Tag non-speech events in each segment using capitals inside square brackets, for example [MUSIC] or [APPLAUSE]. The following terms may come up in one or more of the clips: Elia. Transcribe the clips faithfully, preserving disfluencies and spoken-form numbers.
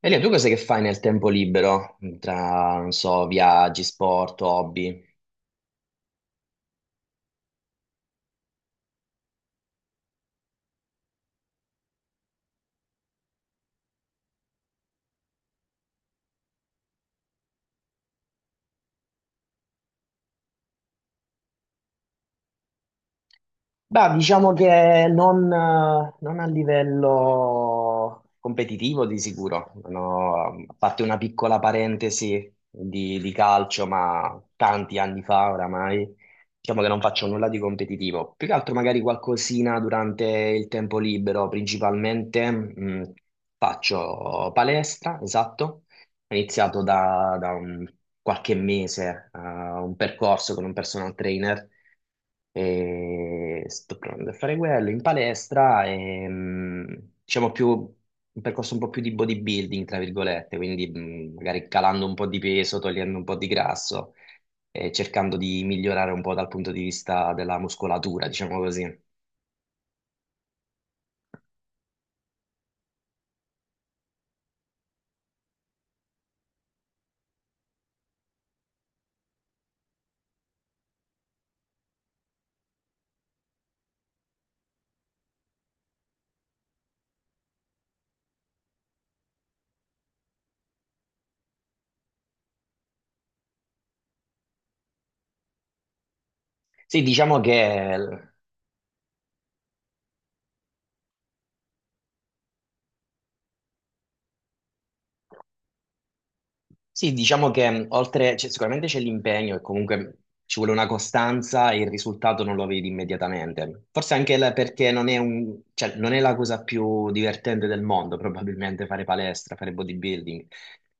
Elia, tu cos'è che fai nel tempo libero? Tra, non so, viaggi, sport, hobby? Beh, diciamo che non, eh, non a livello competitivo di sicuro. Non ho- A parte una piccola parentesi di, di calcio, ma tanti anni fa oramai, diciamo che non faccio nulla di competitivo, più che altro magari qualcosina durante il tempo libero, principalmente mh, faccio palestra, esatto. Ho iniziato da, da un- qualche mese eh, un percorso con un personal trainer e sto provando a fare quello in palestra e mm, diciamo più un percorso un po' più di bodybuilding, tra virgolette, quindi mm, magari calando un po' di peso, togliendo un po' di grasso e cercando di migliorare un po' dal punto di vista della muscolatura, diciamo così. Sì, diciamo che l-. Sì, diciamo che mh, oltre, cioè, sicuramente c'è l'impegno e comunque ci vuole una costanza e il risultato non lo vedi immediatamente. Forse anche la- perché non è un- cioè, non è la cosa più divertente del mondo, probabilmente fare palestra, fare bodybuilding.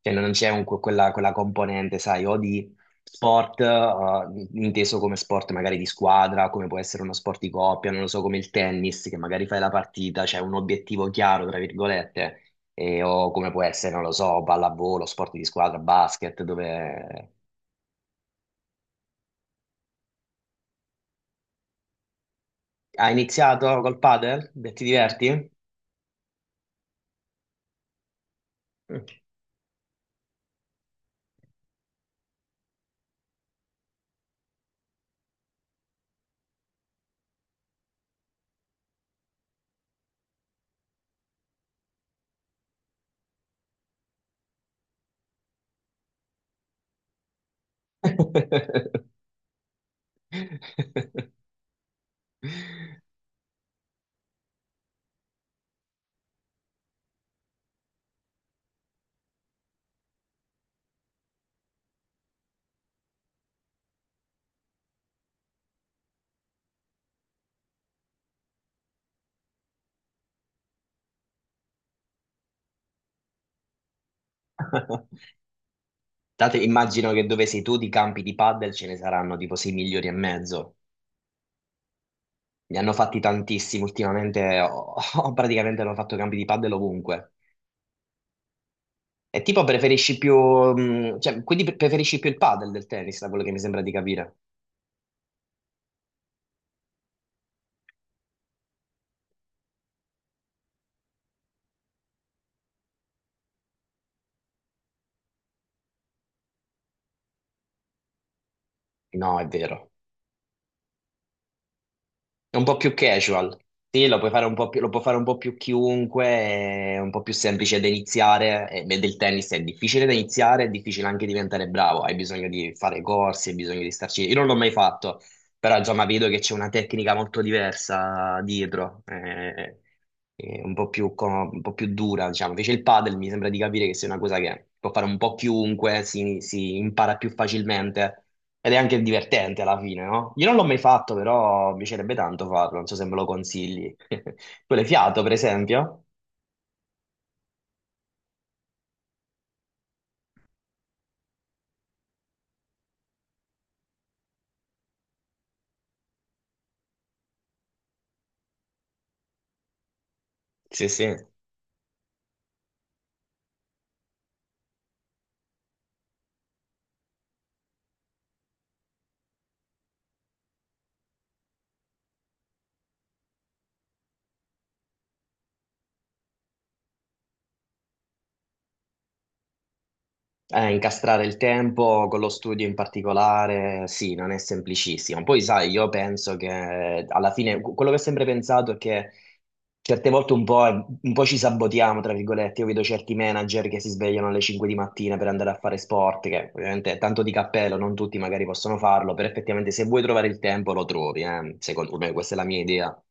Cioè, non c'è un- quella, quella componente, sai, o di sport, eh, inteso come sport magari di squadra, come può essere uno sport di coppia, non lo so, come il tennis, che magari fai la partita, c'è un obiettivo chiaro, tra virgolette e- o come può essere, non lo so, pallavolo, sport di squadra, basket, dove. Hai iniziato col padel? Beh, Ti diverti? Mm. [LAUGHS] Tanto immagino che dove sei tu di campi di padel ce ne saranno tipo sei milioni e mezzo. Ne hanno fatti tantissimi ultimamente, ho, ho praticamente hanno fatto campi di padel ovunque. E tipo preferisci più, mh, cioè, quindi pre- preferisci più il padel del tennis, da quello che mi sembra di capire. No, è vero. È un po' più casual. Sì, lo puoi fare un po' più, lo può fare un po' più chiunque, è un po' più semplice da iniziare. E beh, del tennis è difficile da iniziare, è difficile anche diventare bravo. Hai bisogno di fare corsi, hai bisogno di starci. Io non l'ho mai fatto, però insomma vedo che c'è una tecnica molto diversa dietro, eh, eh, un po' più, co- un po' più dura, diciamo. Invece il padel mi sembra di capire che sia una cosa che può fare un po' chiunque, si si impara più facilmente. Ed è anche divertente alla fine, no? Io non l'ho mai fatto, però mi piacerebbe tanto farlo, non so se me lo consigli. [LAUGHS] Tu l'hai fiato, per esempio? Sì, sì. Eh, incastrare il tempo con lo studio in particolare, sì, non è semplicissimo. Poi, sai, io penso che alla fine quello che ho sempre pensato è che certe volte un po', eh, un po' ci sabotiamo, tra virgolette. Io vedo certi manager che si svegliano alle cinque di mattina per andare a fare sport, che ovviamente è tanto di cappello, non tutti magari possono farlo, però effettivamente se vuoi trovare il tempo lo trovi, eh. Secondo me questa è la mia idea.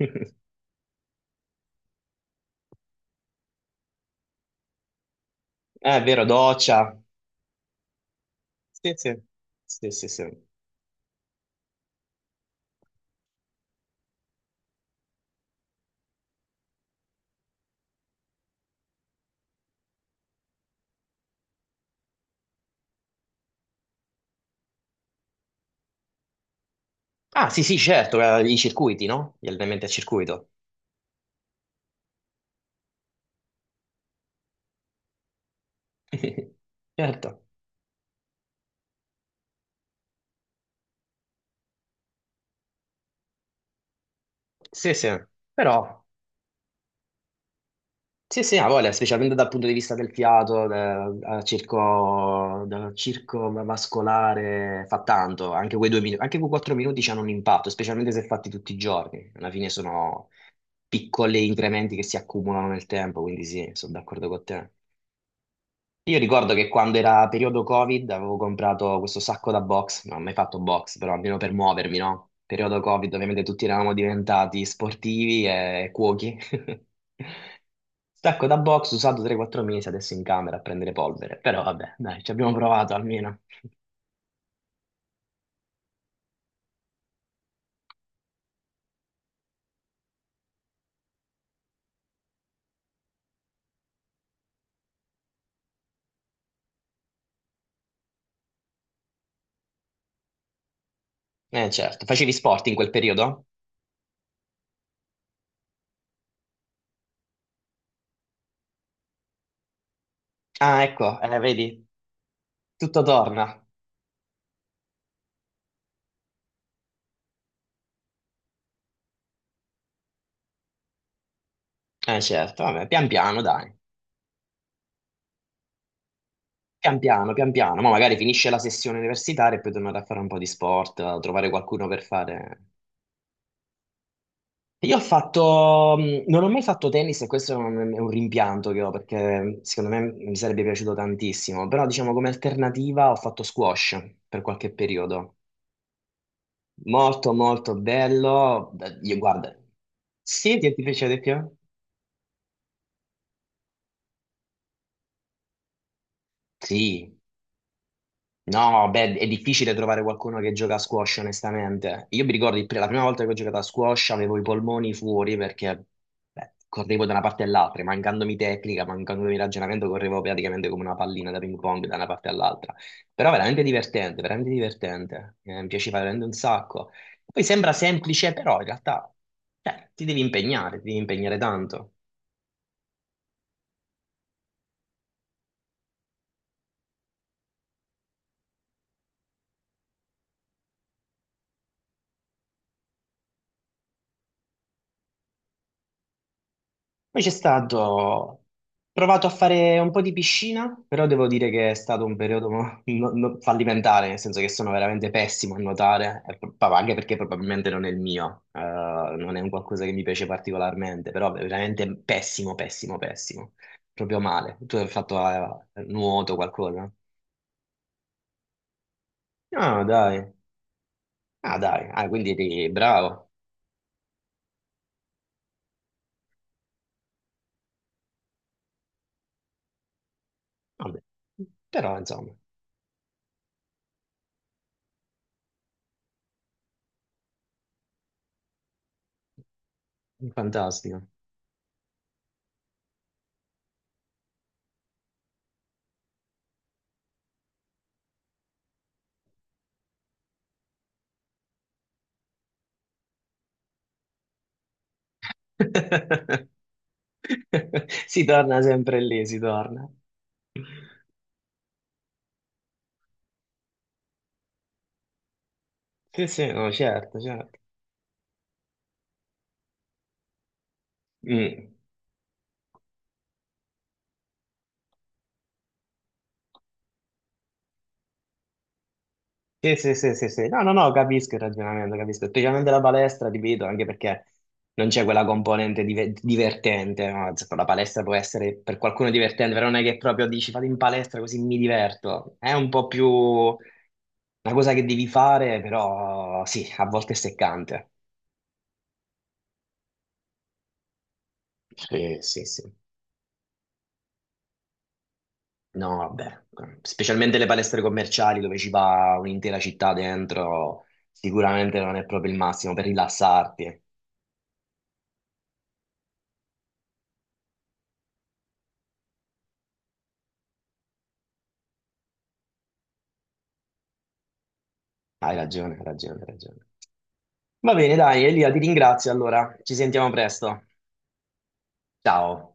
[LAUGHS] È vero, doccia. Sì, sì. Sì, sì, sì. Ah, sì, sì, certo, eh, i circuiti, no? Gli allenamenti a circuito. [LAUGHS] Certo, sì, sì, però sì, sì, ha voglia, specialmente dal punto di vista del fiato, del, del circo, del circo vascolare, fa tanto, anche quei due minuti, anche quei quattro minuti hanno un impatto, specialmente se fatti tutti i giorni, alla fine sono piccoli incrementi che si accumulano nel tempo, quindi sì, sono d'accordo con te. Io ricordo che quando era periodo Covid avevo comprato questo sacco da box, non ho mai fatto box, però almeno per muovermi, no? Periodo Covid, ovviamente tutti eravamo diventati sportivi e cuochi. [LAUGHS] Sacco da box usato tre o quattro mesi adesso in camera a prendere polvere, però vabbè, dai, ci abbiamo provato almeno. Eh certo, facevi sport in quel periodo? Ah, ecco, eh, vedi, tutto torna. Eh certo, vabbè, pian piano, dai. Pian piano, pian piano, ma magari finisce la sessione universitaria e poi tornare a fare un po' di sport, a trovare qualcuno per fare. Io ho fatto, mh, non ho mai fatto tennis e questo è un, è un rimpianto che ho perché mm, secondo me mm, mi sarebbe piaciuto tantissimo, però diciamo come alternativa ho fatto squash per qualche periodo. Molto molto bello. Beh, io- guarda, sì, ti, ti piace di più? Sì, no, beh, è difficile trovare qualcuno che gioca a squash, onestamente. Io mi ricordo il pre- la prima volta che ho giocato a squash avevo i polmoni fuori perché beh, correvo da una parte all'altra, mancandomi tecnica, mancandomi ragionamento, correvo praticamente come una pallina da ping pong da una parte all'altra. Però veramente divertente, veramente divertente. Eh, mi piaceva veramente un sacco. Poi sembra semplice, però in realtà cioè, ti devi impegnare, ti devi impegnare tanto. Poi c'è stato, ho provato a fare un po' di piscina, però devo dire che è stato un periodo mo- no- no- fallimentare, nel senso che sono veramente pessimo a nuotare, e pro- pa- anche perché probabilmente non è il mio, eh, non è un qualcosa che mi piace particolarmente, però veramente pessimo, pessimo, pessimo, proprio male. Tu hai fatto eh, nuoto qualcosa? Ah, dai, ah, dai, ah, quindi eri bravo. Vabbè. Però, insomma, fantastico. [LAUGHS] [LAUGHS] Si torna sempre lì, si torna. Sì, sì, no, certo, certo. Mm. Sì, sì, sì, sì, sì. No, no, no, capisco il ragionamento, capisco. Specialmente la palestra, ti vedo, anche perché non c'è quella componente dive- divertente. No? Cioè, La palestra può essere per qualcuno divertente, però non è che proprio dici fate in palestra così mi diverto. È un po' più una cosa che devi fare, però sì, a volte è seccante. Sì, sì, sì. No, vabbè, specialmente le palestre commerciali dove ci va un'intera città dentro, sicuramente non è proprio il massimo per rilassarti. Hai ragione, hai ragione, hai ragione. Va bene, dai, Elia, ti ringrazio allora. Ci sentiamo presto. Ciao.